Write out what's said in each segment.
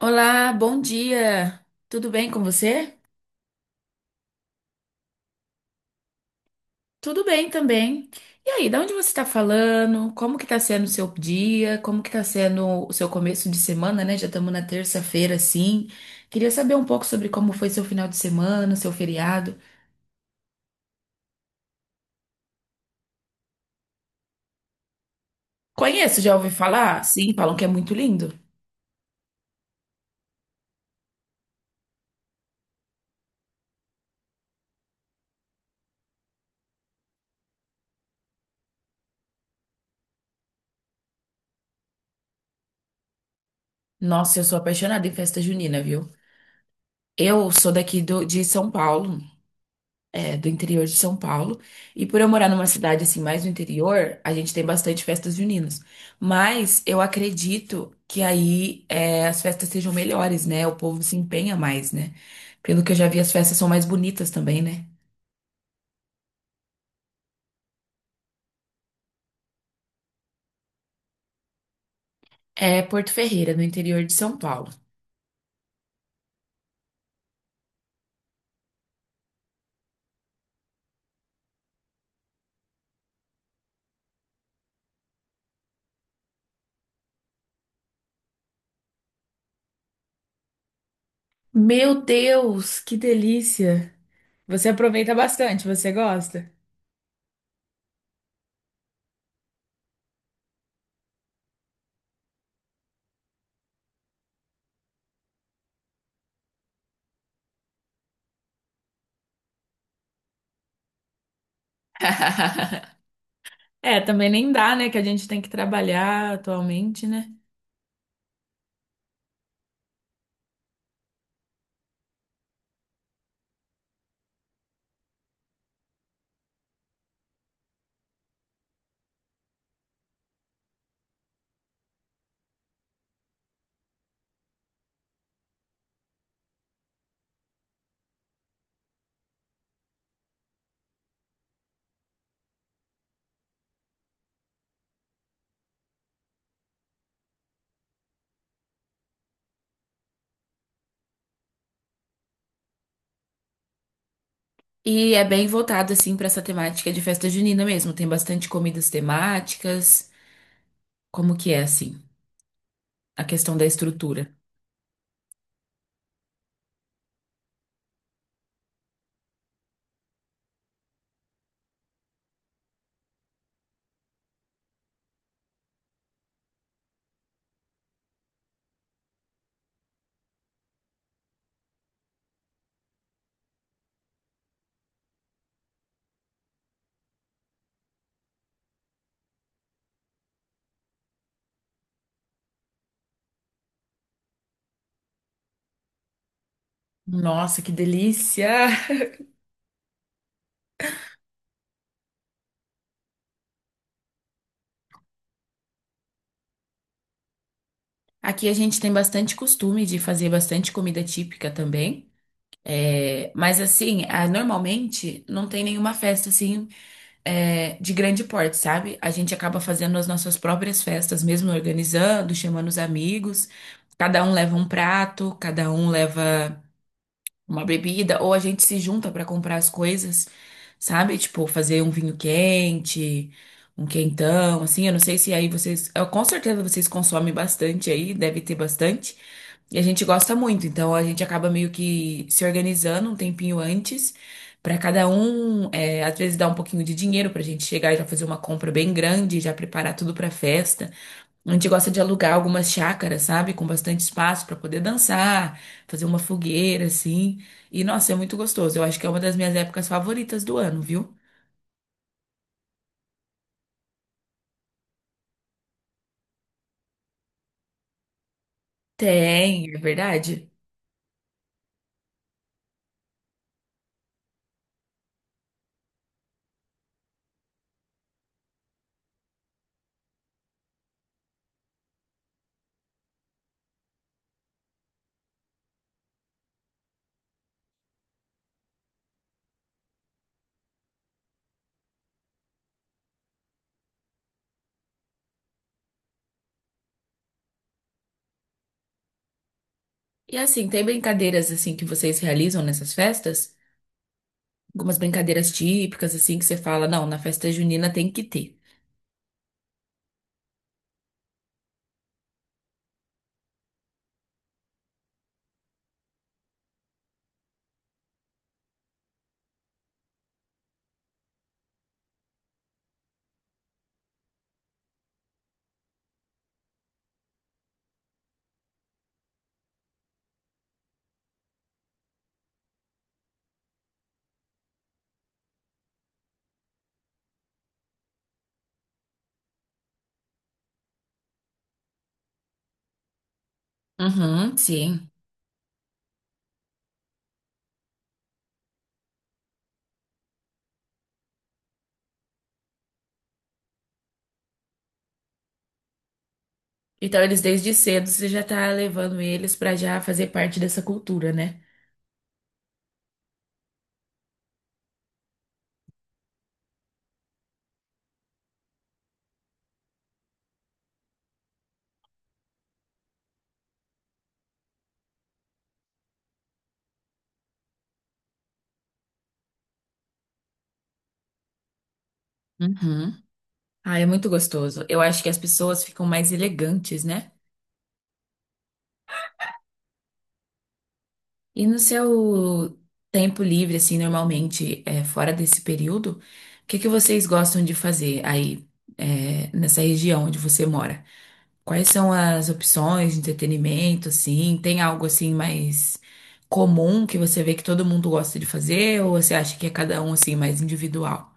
Olá, bom dia. Tudo bem com você? Tudo bem também. E aí, da onde você está falando? Como que tá sendo o seu dia? Como que tá sendo o seu começo de semana, né? Já estamos na terça-feira, assim. Queria saber um pouco sobre como foi seu final de semana, seu feriado. Conheço, já ouvi falar? Sim, falam que é muito lindo. Nossa, eu sou apaixonada em festa junina, viu? Eu sou daqui de São Paulo. Do interior de São Paulo. E por eu morar numa cidade assim mais do interior, a gente tem bastante festas juninas. Mas eu acredito que aí as festas sejam melhores, né? O povo se empenha mais, né? Pelo que eu já vi, as festas são mais bonitas também, né? É Porto Ferreira, no interior de São Paulo. Meu Deus, que delícia! Você aproveita bastante, você gosta? É, também nem dá, né? Que a gente tem que trabalhar atualmente, né? E é bem voltado, assim, pra essa temática de festa junina mesmo. Tem bastante comidas temáticas. Como que é, assim, a questão da estrutura? Nossa, que delícia! Aqui a gente tem bastante costume de fazer bastante comida típica também. É, mas, assim, ah, normalmente não tem nenhuma festa, assim, de grande porte, sabe? A gente acaba fazendo as nossas próprias festas, mesmo organizando, chamando os amigos. Cada um leva um prato, cada um leva uma bebida, ou a gente se junta pra comprar as coisas, sabe? Tipo, fazer um vinho quente, um quentão, assim. Eu não sei se aí vocês. Com certeza vocês consomem bastante aí, deve ter bastante. E a gente gosta muito, então a gente acaba meio que se organizando um tempinho antes. Pra cada um, às vezes dá um pouquinho de dinheiro pra gente chegar e já fazer uma compra bem grande, já preparar tudo pra festa. A gente gosta de alugar algumas chácaras, sabe? Com bastante espaço para poder dançar, fazer uma fogueira, assim. E, nossa, é muito gostoso. Eu acho que é uma das minhas épocas favoritas do ano, viu? Tem, é verdade. E assim, tem brincadeiras assim que vocês realizam nessas festas? Algumas brincadeiras típicas, assim, que você fala, não, na festa junina tem que ter. Uhum, sim. Então eles desde cedo você já tá levando eles pra já fazer parte dessa cultura, né? Uhum. Ah, é muito gostoso. Eu acho que as pessoas ficam mais elegantes, né? E no seu tempo livre, assim, normalmente, fora desse período, o que que vocês gostam de fazer aí, nessa região onde você mora? Quais são as opções de entretenimento, assim? Tem algo, assim, mais comum que você vê que todo mundo gosta de fazer? Ou você acha que é cada um, assim, mais individual?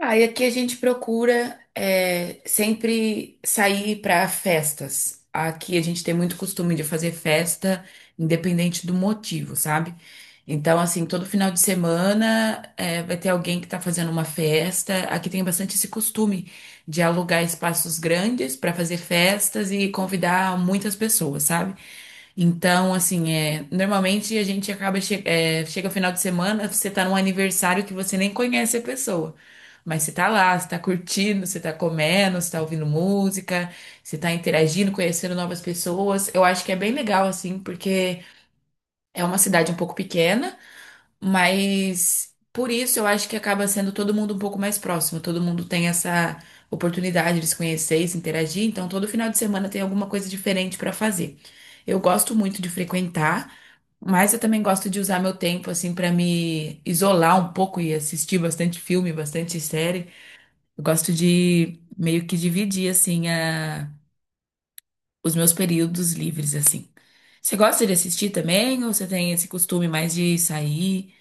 Ah, e aqui a gente procura sempre sair para festas. Aqui a gente tem muito costume de fazer festa, independente do motivo, sabe? Então, assim, todo final de semana vai ter alguém que tá fazendo uma festa. Aqui tem bastante esse costume de alugar espaços grandes para fazer festas e convidar muitas pessoas, sabe? Então, assim, normalmente a gente acaba, chega o final de semana, você tá num aniversário que você nem conhece a pessoa. Mas você tá lá, você tá curtindo, você tá comendo, você tá ouvindo música, você tá interagindo, conhecendo novas pessoas. Eu acho que é bem legal, assim, porque é uma cidade um pouco pequena. Mas por isso eu acho que acaba sendo todo mundo um pouco mais próximo, todo mundo tem essa oportunidade de se conhecer e se interagir, então todo final de semana tem alguma coisa diferente para fazer. Eu gosto muito de frequentar, mas eu também gosto de usar meu tempo assim para me isolar um pouco e assistir bastante filme, bastante série. Eu gosto de meio que dividir assim os meus períodos livres assim. Você gosta de assistir também ou você tem esse costume mais de sair?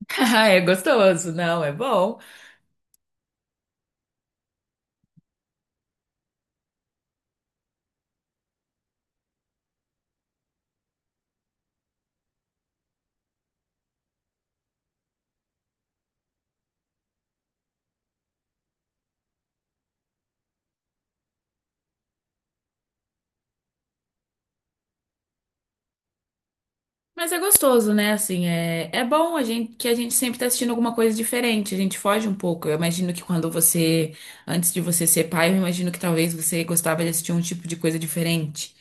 Ah, é gostoso, não, é bom. Mas é gostoso, né? Assim, é bom a gente que a gente sempre tá assistindo alguma coisa diferente, a gente foge um pouco. Eu imagino que quando você, antes de você ser pai, eu imagino que talvez você gostava de assistir um tipo de coisa diferente.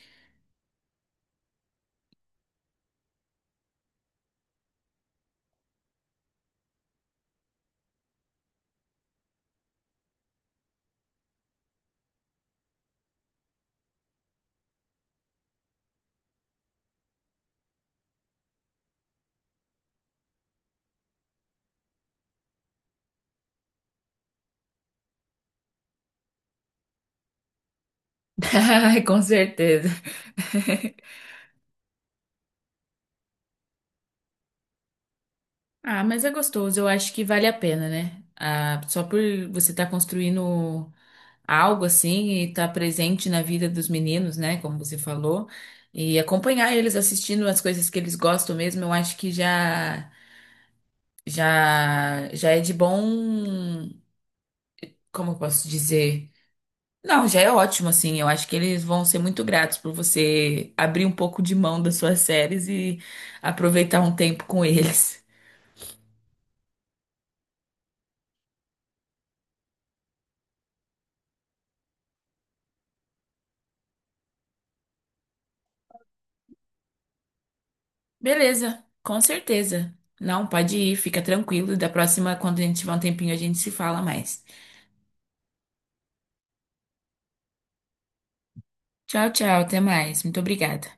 Ai, com certeza. Ah, mas é gostoso, eu acho que vale a pena, né? Ah, só por você estar construindo algo assim e estar presente na vida dos meninos, né? Como você falou, e acompanhar eles assistindo as coisas que eles gostam mesmo, eu acho que já é de bom, como eu posso dizer? Não, já é ótimo assim. Eu acho que eles vão ser muito gratos por você abrir um pouco de mão das suas séries e aproveitar um tempo com eles. Beleza, com certeza. Não, pode ir, fica tranquilo. Da próxima, quando a gente tiver um tempinho, a gente se fala mais. Tchau, tchau, até mais. Muito obrigada.